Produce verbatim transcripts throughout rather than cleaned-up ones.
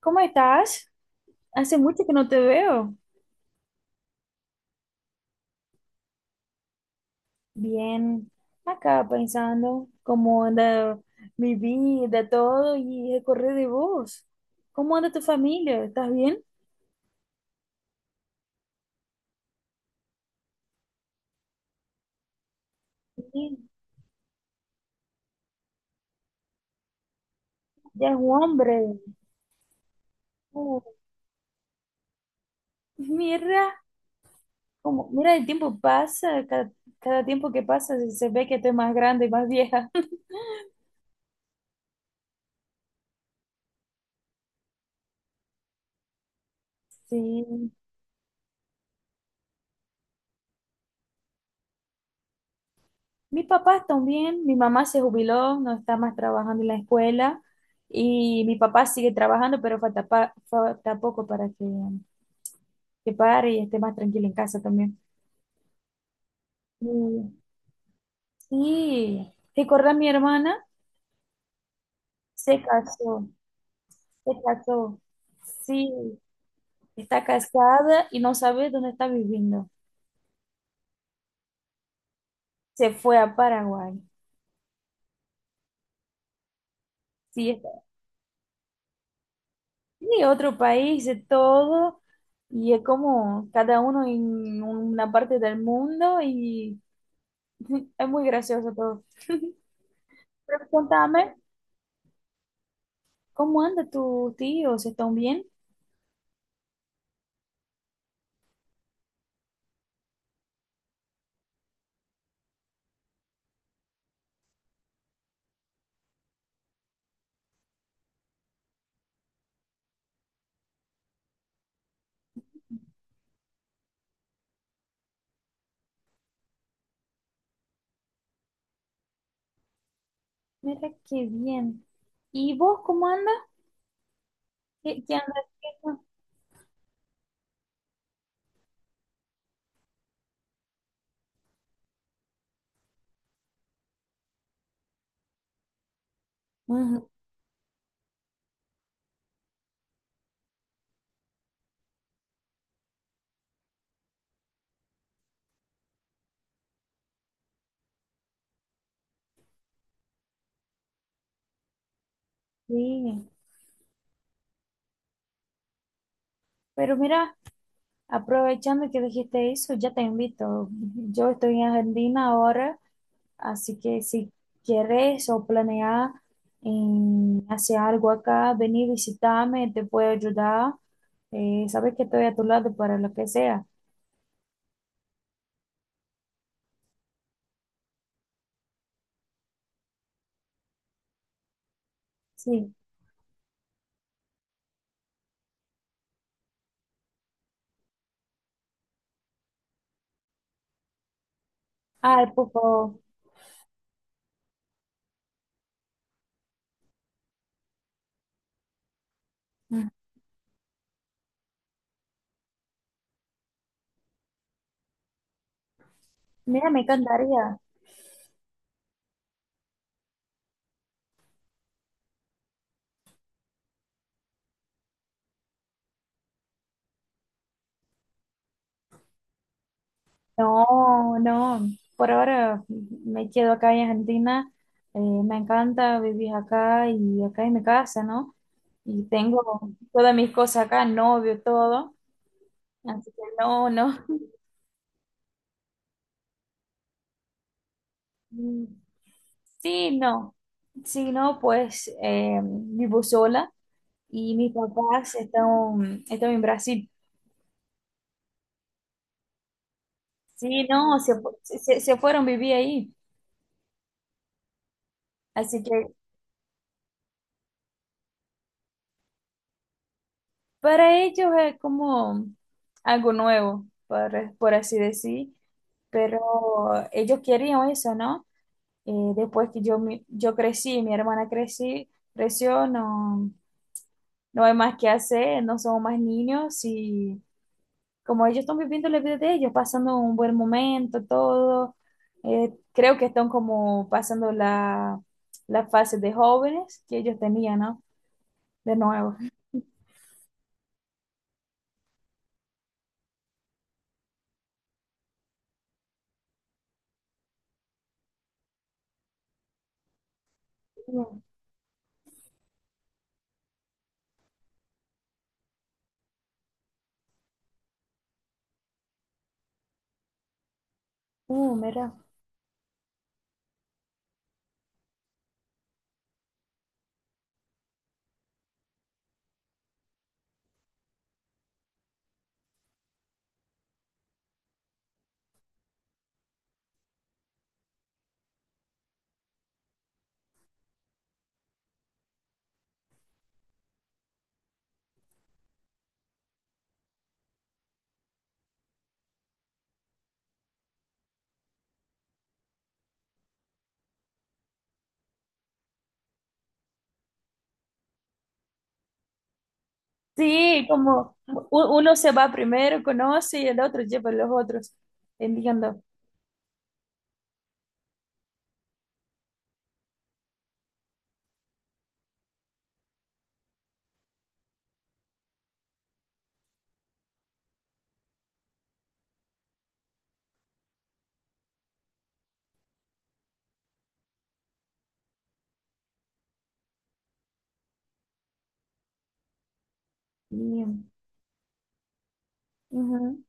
¿Cómo estás? Hace mucho que no te veo. Bien, acá pensando cómo anda mi vida, todo y el correr de vos. ¿Cómo anda tu familia? ¿Estás bien? Bien, ya es un hombre. Oh, mira, cómo- mira el tiempo pasa, cada, cada tiempo que pasa se se ve que estoy más grande y más vieja. Sí, mis papás también, mi mamá se jubiló, no está más trabajando en la escuela y mi papá sigue trabajando, pero falta, pa- falta poco para que, que pare y esté más tranquila en casa también. Y, y recordar mi hermana, se casó, se casó, sí, está casada y no sabe dónde está viviendo. Se fue a Paraguay, sí, está, sí, otro país, de todo. Y es como cada uno en una parte del mundo y es muy gracioso todo. Pero contame, ¿cómo anda tu tío? ¿Se están bien? Mira qué bien. ¿Y vos cómo andas? ¿Qué, qué andas haciendo? Ujú, sí. Pero mira, aprovechando que dijiste eso, ya te invito. Yo estoy en Argentina ahora, así que si quieres o planeas em, hacer algo acá, vení, visitarme, te puedo ayudar. Eh, sabes que estoy a tu lado para lo que sea. Sí. Ay, por favor. Mira, me encantaría. No, no. Por ahora me quedo acá en Argentina. Eh, me encanta vivir acá y acá en mi casa, ¿no? Y tengo todas mis cosas acá, novio, todo. Así que no, no. Mm, sí, no. Sí, no, pues eh, vivo sola y mis papás están, están en Brasil. Sí, no, se, fu- se, se fueron a vivir ahí. Así que para ellos es como algo nuevo, por, por así decir, pero ellos querían eso, ¿no? Eh, después que yo, mi- yo crecí, mi hermana crecí, creció, no, no hay más que hacer, no somos más niños y como ellos están viviendo la vida de ellos, pasando un buen momento, todo, eh, creo que están como pasando la, la fase de jóvenes que ellos tenían, ¿no? De nuevo. Uh, uh, mira. Sí, como u- uno se va primero, conoce y el otro lleva a los otros, entiendo. Y, ujú.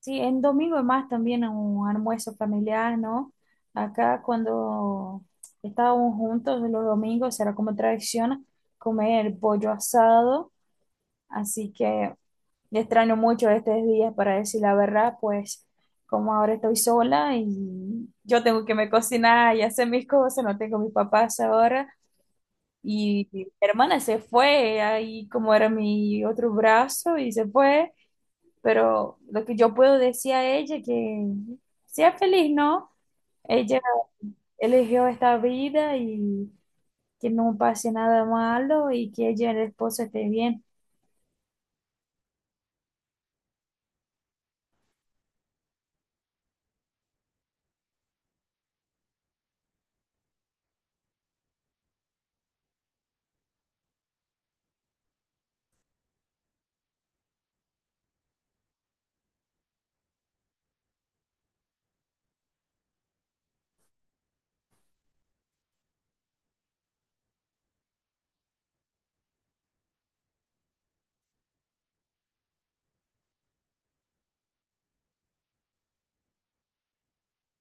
Sí, en domingo es más también un almuerzo familiar, ¿no? Acá cuando estábamos juntos los domingos era como tradición comer pollo asado, así que extraño mucho estos días para decir la verdad, pues como ahora estoy sola y yo tengo que me cocinar y hacer mis cosas, no tengo mis papás ahora. Y mi hermana se fue, ahí como era mi otro brazo, y se fue. Pero lo que yo puedo decir a ella que sea feliz, ¿no? Ella eligió esta vida y que no pase nada malo y que ella y el esposo esté bien.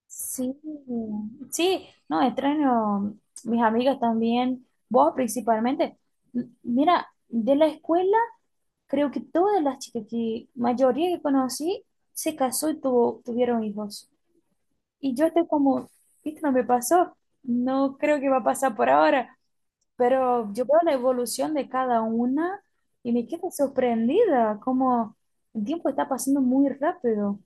Sí, sí, no, extraño mis amigas también, vos principalmente. M- Mira, de la escuela creo que todas las chicas que mayoría que conocí se casó y tuvo, tuvieron hijos. Y yo estoy como, esto no me pasó, no creo que va a pasar por ahora, pero yo veo la evolución de cada una y me quedo sorprendida, como el tiempo está pasando muy rápido.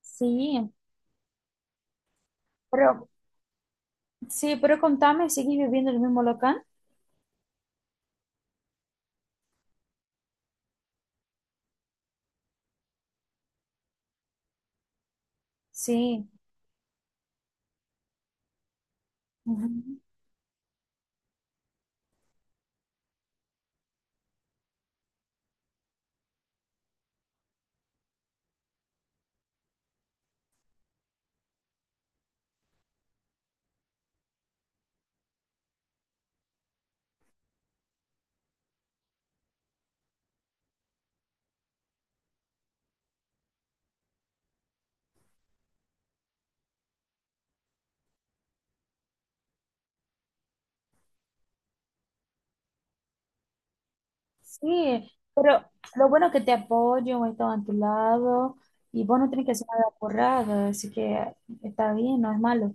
Sí, pero sí, pero contame, ¿seguís viviendo en el mismo local? Sí. Ujú. Sí, pero lo bueno es que te apoyo, voy a estar a tu lado y vos no tenés que hacer nada porrada, así que está bien, no es malo.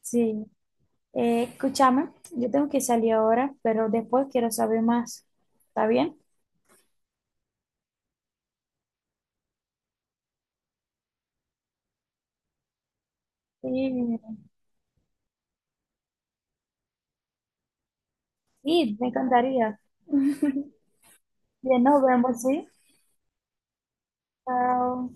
Sí, eh, escúchame, yo tengo que salir ahora, pero después quiero saber más. ¿Está bien? Sí, sí, me encantaría. Bien, nos vemos, ¿sí? Chao.